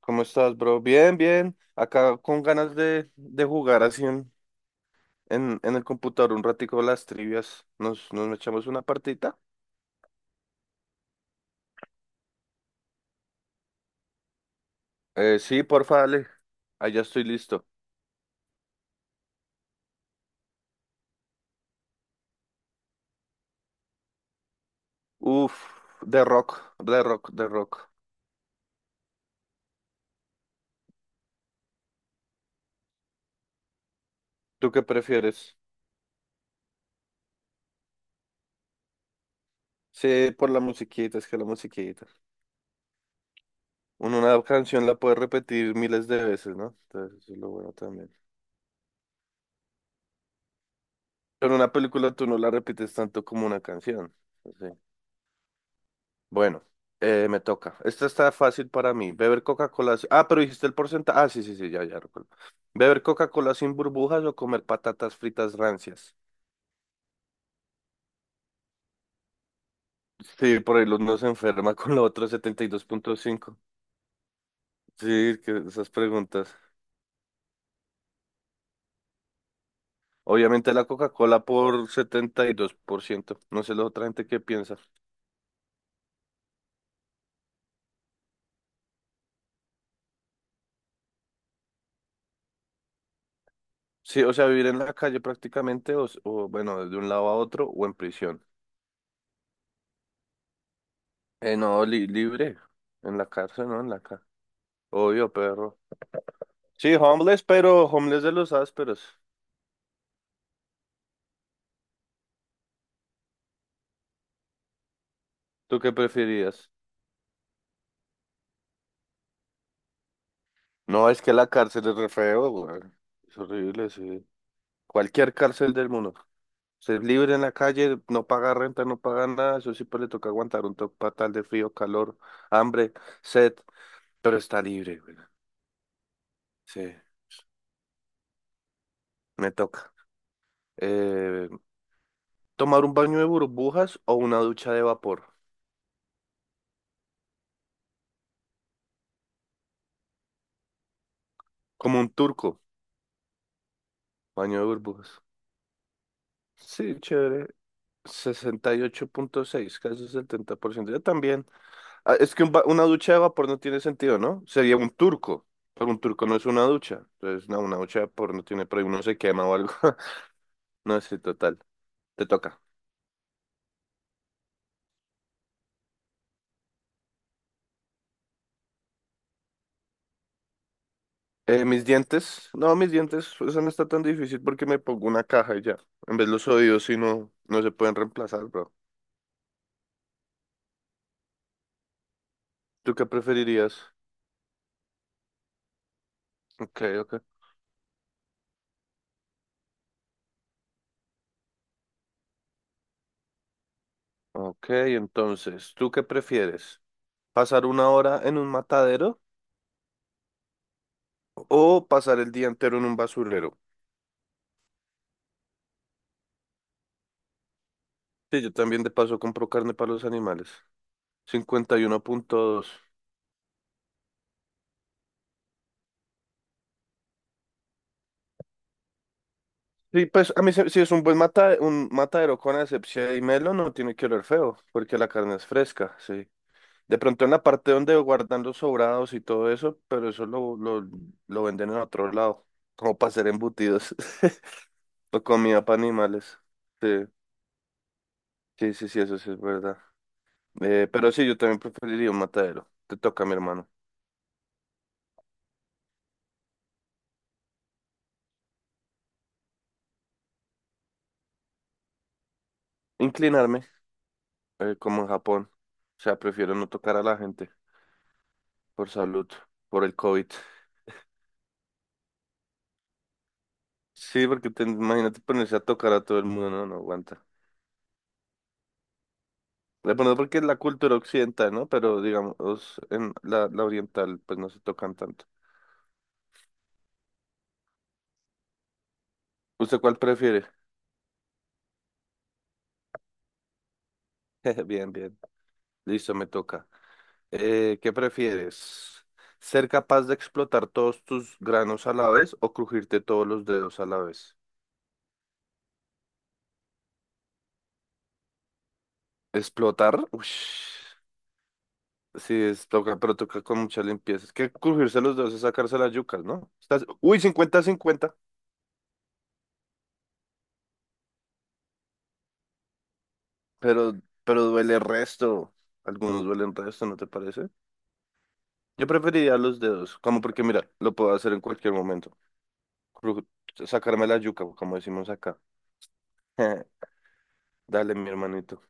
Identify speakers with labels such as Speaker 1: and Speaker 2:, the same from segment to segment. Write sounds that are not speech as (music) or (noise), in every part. Speaker 1: ¿Cómo estás, bro? Bien, bien. Acá con ganas de jugar así en el computador un ratico las trivias. Nos echamos una partita. Sí, porfa, dale. Ahí ya estoy listo. Uf, de rock, de rock, de rock. ¿Tú qué prefieres? Sí, por la musiquita, es que la musiquita. Uno una canción la puede repetir miles de veces, ¿no? Entonces, eso es lo bueno también. Pero una película tú no la repites tanto como una canción. Sí. Bueno, me toca. Esta está fácil para mí. Beber Coca-Cola. Ah, pero dijiste el porcentaje. Ah, sí, sí, sí, ya, ya recuerdo. Beber Coca-Cola sin burbujas o comer patatas fritas rancias. Sí, por ahí uno se enferma (laughs) con lo otro 72.5. Sí, que esas preguntas. Obviamente la Coca-Cola por 72%. No sé la otra gente qué piensa. Sí, o sea, vivir en la calle prácticamente, o, bueno, de un lado a otro, o en prisión. No, libre. En la cárcel, ¿no? En la cárcel. Obvio, perro. Sí, homeless, pero homeless de los ásperos. ¿Tú qué preferías? No, es que la cárcel es re feo, güey. Es horrible, sí. Cualquier cárcel del mundo. Ser libre en la calle, no paga renta, no paga nada. Eso sí, pues le toca aguantar un toque fatal de frío, calor, hambre, sed. Pero está libre, güey. Sí, me toca. Eh, ¿Tomar un baño de burbujas o una ducha de vapor? Como un turco, baño de burbujas. Sí, chévere. 68.6, casi 70%. Yo también. Ah, es que una ducha de vapor no tiene sentido, ¿no? Sería un turco, pero un turco no es una ducha. Entonces, no, una ducha de vapor no tiene, pero uno se quema o algo. (laughs) No, sí, total. Te toca. Mis dientes. No, mis dientes, eso no está tan difícil porque me pongo una caja y ya. En vez de los oídos, sí, no, no se pueden reemplazar, bro. ¿Tú qué preferirías? Ok, ok. Ok, entonces, ¿tú qué prefieres? ¿Pasar una hora en un matadero? O pasar el día entero en un basurero. Sí, yo también de paso compro carne para los animales. 51.2. Sí, pues a mí si es un buen un matadero con asepsia y melo, no tiene que oler feo, porque la carne es fresca, sí. De pronto en la parte donde guardan los sobrados y todo eso, pero eso lo venden en otro lado, como para hacer embutidos (laughs) o comida para animales. Sí, sí, sí, sí, eso sí es verdad. Pero sí, yo también preferiría un matadero. Te toca, mi hermano. Inclinarme. Como en Japón. O sea, prefiero no tocar a la gente por salud, por el COVID. Sí, porque te, imagínate ponerse a tocar a todo el mundo, no, no aguanta. De pronto porque es la cultura occidental, ¿no? Pero digamos, en la oriental, pues no se tocan tanto. ¿Usted cuál prefiere? (laughs) Bien, bien. Listo, me toca. ¿Qué prefieres? ¿Ser capaz de explotar todos tus granos a la vez o crujirte todos los dedos a la vez? ¿Explotar? Ush. Sí, es toca, pero toca con mucha limpieza. Es que crujirse los dedos es sacarse las yucas, ¿no? Estás, uy, 50 cincuenta pero, pero duele resto. Algunos duelen resto, ¿no te parece? Yo preferiría los dedos, como porque mira, lo puedo hacer en cualquier momento. Cru- Sacarme la yuca, como decimos acá. (laughs) Dale, mi hermanito.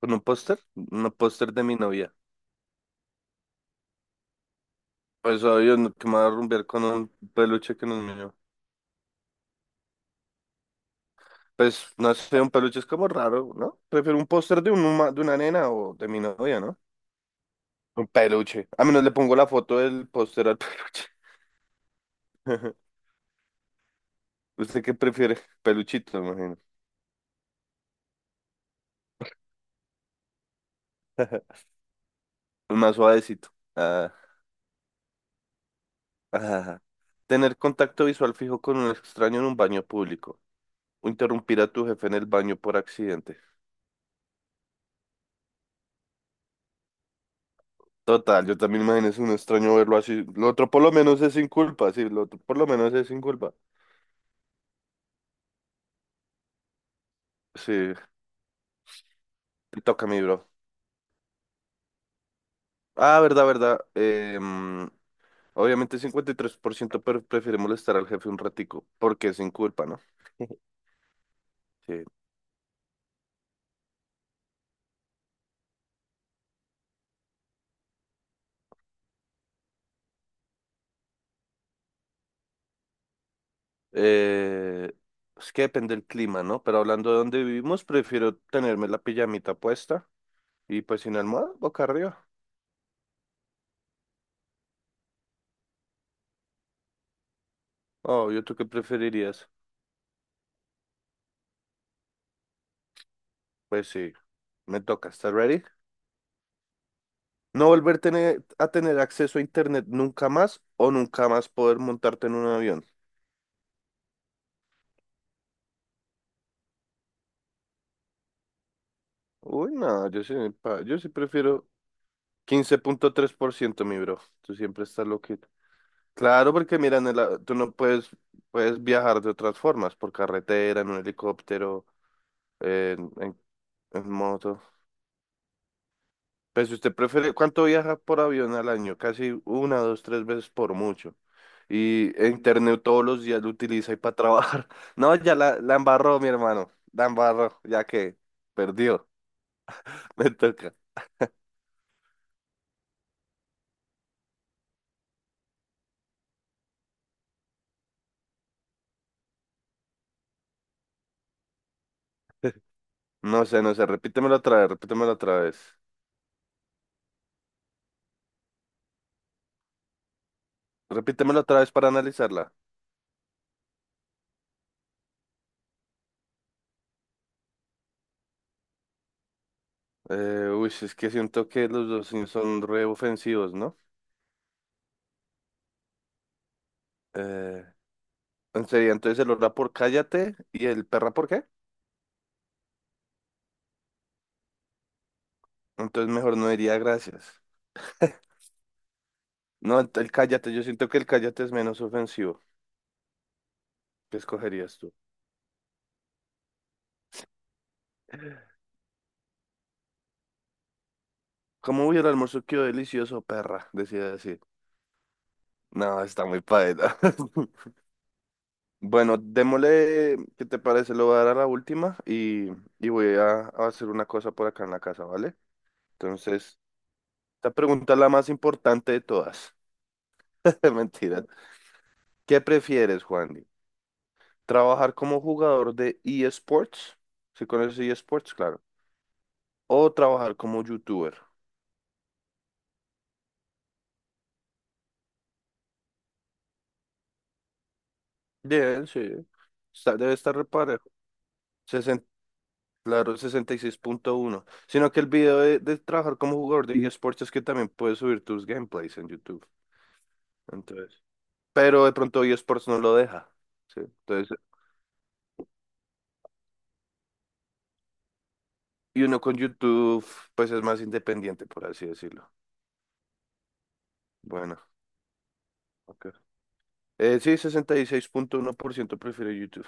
Speaker 1: ¿Con un póster? Un póster de mi novia. Pues obvio, que me voy a rumbear con un peluche que no es mío. Pues no sé, un peluche es como raro, ¿no? Prefiero un póster de una nena o de mi novia, ¿no? Un peluche. A menos le pongo la foto del póster al peluche. (laughs) ¿Usted qué prefiere? Peluchito, me imagino. (laughs) El más suavecito. Ah, ah. Tener contacto visual fijo con un extraño en un baño público. O interrumpir a tu jefe en el baño por accidente. Total, yo también imagino es un extraño verlo así. Lo otro por lo menos es sin culpa, sí. Lo otro por lo menos es sin culpa. Sí, te toca a mí, bro. Ah, verdad, verdad. Obviamente 53%, prefiere molestar al jefe un ratico, porque es sin culpa, ¿no? (laughs) Sí. Eh, es que depende del clima, ¿no? Pero hablando de donde vivimos, prefiero tenerme la pijamita puesta y pues sin almohada, boca arriba. Oh, ¿yo tú qué preferirías? Pues sí, me toca. ¿Estás ready? No volver a tener acceso a internet nunca más o nunca más poder montarte en un avión. Uy, no, yo sí prefiero 15.3%, mi bro. Tú siempre estás loquito. Claro, porque mira, tú no puedes viajar de otras formas, por carretera, en un helicóptero. en, en- en moto. Pues si usted prefiere, ¿cuánto viaja por avión al año? Casi una, dos, tres veces por mucho. Y internet todos los días lo utiliza y para trabajar. (laughs) No, ya la embarró, mi hermano. La embarró, ya que perdió. (laughs) Me toca. No sé, no sé. Repítemelo otra vez, repítemelo otra vez. Repítemelo otra vez para analizarla. Uy, es que siento que los dos sí son re ofensivos, ¿no? Eh, en serio, entonces el hora por cállate y el perra por qué? Entonces mejor no diría gracias. No, el cállate, yo siento que el cállate es menos ofensivo. ¿Qué escogerías tú? ¿Cómo hubiera el almuerzo? Quedó delicioso, perra, decía decir. No, está muy paeta. (laughs) Bueno, démosle, ¿qué te parece? Lo voy a dar a la última y voy a hacer una cosa por acá en la casa, ¿vale? Entonces, esta pregunta es la más importante de todas. (laughs) Mentira. ¿Qué prefieres, Juan? ¿Trabajar como jugador de eSports? Si conoces eSports, claro. O trabajar como youtuber. Bien, sí. Debe estar reparado. Sesenta, claro, 66.1. Sino que el video de trabajar como jugador de eSports es que también puedes subir tus gameplays en YouTube. Entonces. Pero de pronto eSports no lo deja. Sí. Entonces, y uno con YouTube, pues es más independiente, por así decirlo. Bueno, ok. Sí, 66.1% prefiere YouTube.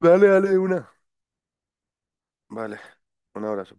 Speaker 1: Dale, dale, una. Vale. Un abrazo.